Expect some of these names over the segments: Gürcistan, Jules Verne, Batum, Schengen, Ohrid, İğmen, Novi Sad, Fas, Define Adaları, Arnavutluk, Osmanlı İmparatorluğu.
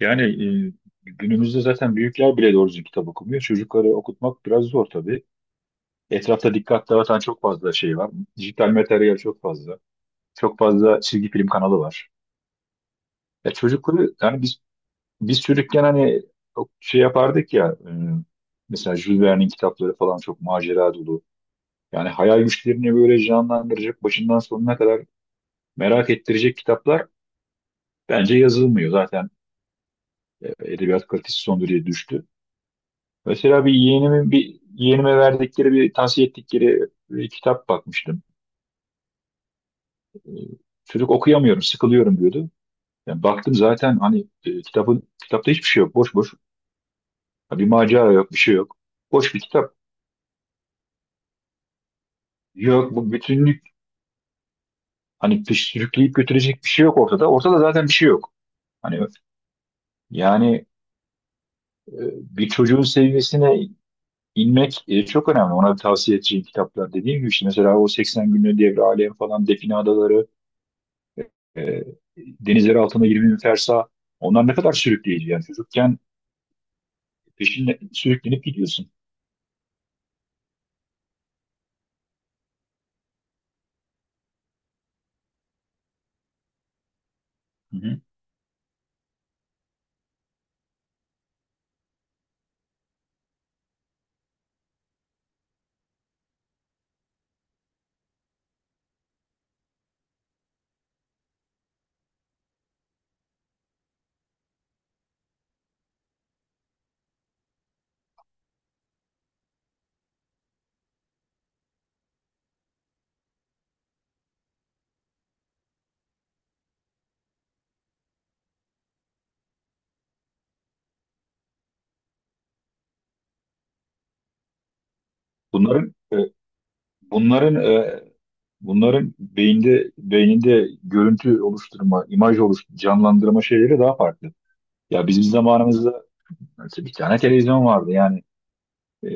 Yani e, günümüzde zaten büyükler bile doğru düzgün kitap okumuyor. Çocukları okutmak biraz zor tabii. Etrafta dikkat dağıtan çok fazla şey var. Dijital materyal çok fazla. Çok fazla çizgi film kanalı var. Ya çocukları yani biz çocukken hani çok şey yapardık ya mesela Jules Verne'in kitapları falan çok macera dolu. Yani hayal güçlerini böyle canlandıracak, başından sonuna kadar merak ettirecek kitaplar bence yazılmıyor. Zaten e, edebiyat kalitesi son derece düştü. Mesela bir yeğenime verdikleri bir tavsiye ettikleri bir kitap bakmıştım. E, Çocuk okuyamıyorum, sıkılıyorum diyordu. Yani baktım zaten hani kitapta hiçbir şey yok, boş boş. Ha, bir macera yok, bir şey yok. Boş bir kitap. Yok bu bütünlük, hani sürükleyip götürecek bir şey yok ortada. Ortada zaten bir şey yok. Hani, yani, e, bir çocuğun seviyesine inmek çok önemli. Ona tavsiye edeceğim kitaplar dediğim gibi, işte mesela o 80 günlük devre alem falan, Define Adaları, E, denizleri altında 20 bin fersa. Onlar ne kadar sürükleyici, yani çocukken peşinde sürüklenip gidiyorsun. Hı hı. Bunların e, bunların e, bunların beyninde görüntü oluşturma, imaj oluşturma, canlandırma şeyleri daha farklı. Ya bizim zamanımızda mesela bir tane televizyon vardı, yani e,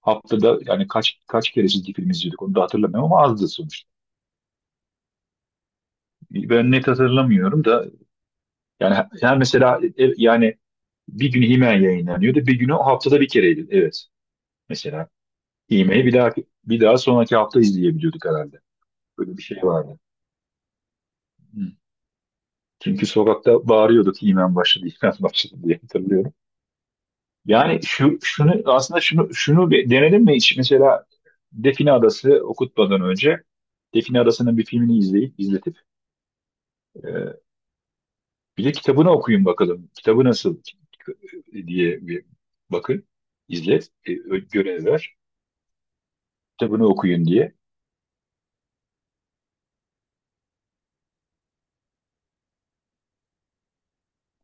haftada, yani kaç kere çizgi film izliyorduk onu da hatırlamıyorum ama azdı sonuçta. Ben net hatırlamıyorum da, yani her mesela, yani bir günü Himen yayınlanıyordu. Bir günü haftada bir kereydi. Evet. Mesela İğme'yi bir daha sonraki hafta izleyebiliyorduk herhalde. Böyle bir şey vardı. Hı. Çünkü sokakta bağırıyorduk İğmen başladı, İğmen başladı diye hatırlıyorum. Yani şu şunu aslında şunu bir denedim mi hiç? Mesela Define Adası okutmadan önce Define Adası'nın bir filmini izletip e, bir de kitabını okuyun bakalım. Kitabı nasıl diye bir bakın, izlet, görev ver. Kitabını okuyun diye.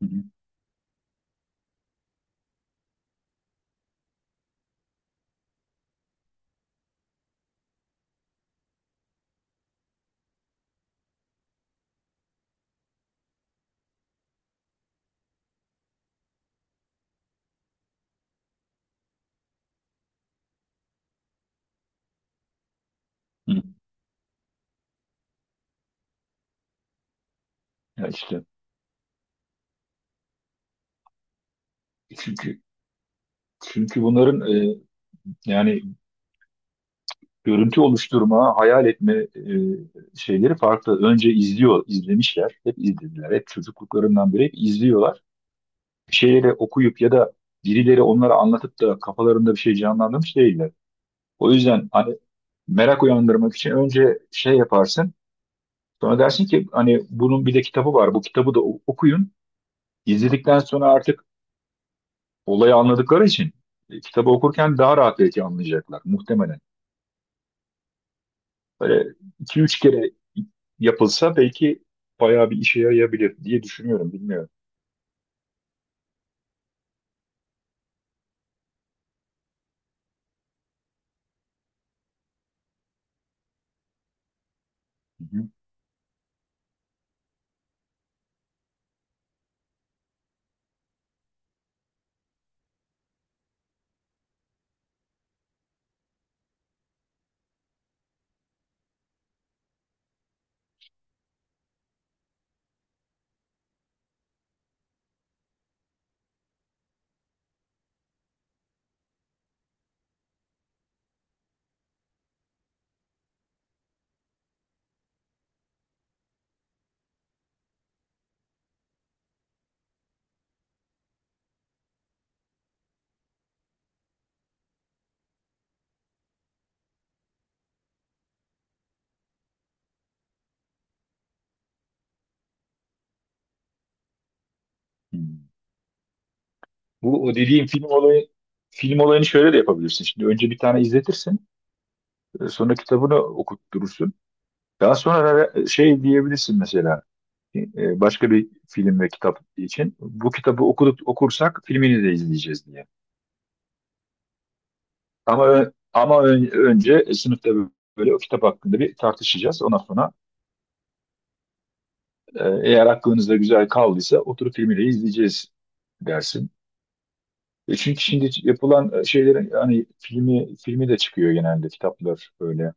Hı hı. Hı. Ya işte, çünkü çünkü yani görüntü oluşturma, hayal etme şeyleri farklı. Önce izliyor, izlemişler. Hep izlediler. Hep çocukluklarından beri hep izliyorlar. Bir şeyleri okuyup ya da birileri onlara anlatıp da kafalarında bir şey canlandırmış değiller. O yüzden hani merak uyandırmak için önce şey yaparsın. Sonra dersin ki hani bunun bir de kitabı var. Bu kitabı da okuyun. İzledikten sonra, artık olayı anladıkları için, kitabı okurken daha rahat belki anlayacaklar, muhtemelen. Böyle 2-3 kere yapılsa belki bayağı bir işe yarayabilir diye düşünüyorum. Bilmiyorum. Hı hı. Hı. Bu o dediğim film olayını şöyle de yapabilirsin. Şimdi önce bir tane izletirsin. Sonra kitabını okutturursun. Daha sonra şey diyebilirsin, mesela e, e, başka bir film ve kitap için. Bu kitabı okuduk, okursak filmini de izleyeceğiz diye. Ama ö- ama ön- önce sınıfta böyle o kitap hakkında bir tartışacağız. Ondan sonra, eğer aklınızda güzel kaldıysa oturup filmiyle izleyeceğiz dersin. E çünkü şimdi yapılan şeylerin hani filmi de çıkıyor genelde, kitaplar böyle.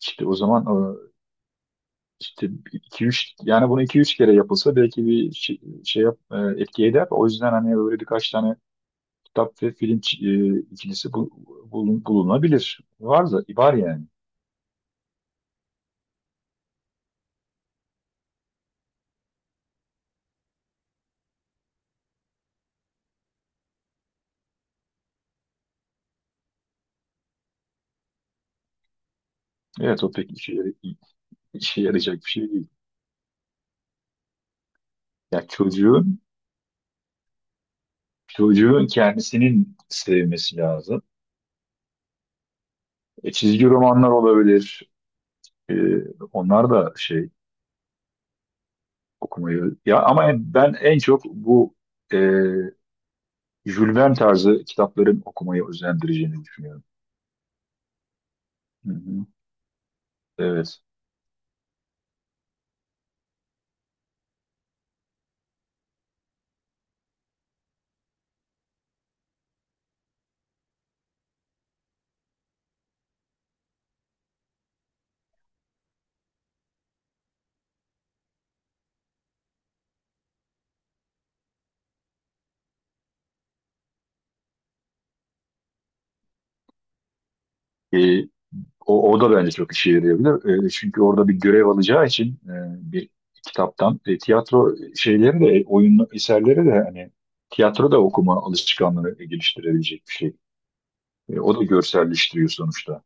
İşte o zaman, e, işte 2-3, yani bunu iki üç kere yapılsa belki bir şey, etki eder. O yüzden hani böyle birkaç tane kitap ve film ikilisi bulunabilir. Var da var yani. Evet o pek işe yarayacak bir şey değil. Ya çocuğun kendisinin sevmesi lazım. Çizgi romanlar olabilir. E, Onlar da şey okumayı, ya ama ben en çok bu e, Jules Verne tarzı kitapların okumayı özendireceğini düşünüyorum. Hı hı. Evet. E, O da bence çok işe yarayabilir. Çünkü orada bir görev alacağı için, bir kitaptan, tiyatro şeyleri de, oyun eserleri de, hani tiyatro da okuma alışkanlığını geliştirebilecek bir şey. O da görselleştiriyor sonuçta.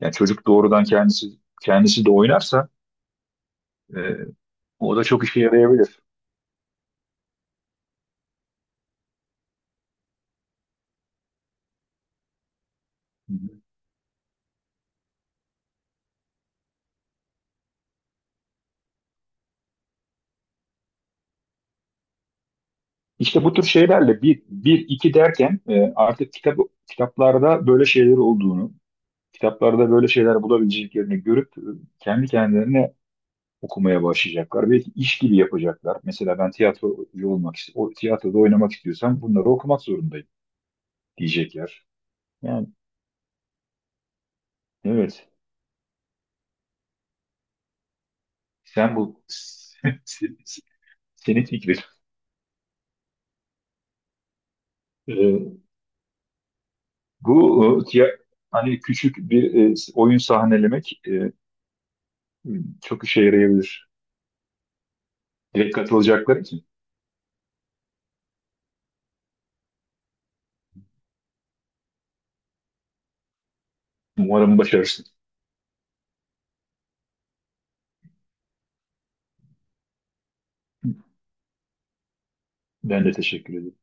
Yani çocuk doğrudan kendisi de oynarsa, e, o da çok işe yarayabilir. Hı hı. İşte bu tür şeylerle bir, bir, iki derken, artık kitaplarda böyle şeyler olduğunu, kitaplarda böyle şeyler bulabileceklerini görüp, kendi kendilerine okumaya başlayacaklar. Belki iş gibi yapacaklar. Mesela ben tiyatrocu olmak, o tiyatroda oynamak istiyorsam bunları okumak zorundayım diyecekler. Yani evet. Sen bu senin fikrin. E, Bu hani küçük bir oyun sahnelemek. Çok işe yarayabilir. Direkt katılacaklar için. Umarım başarırsın. Ben de teşekkür ederim.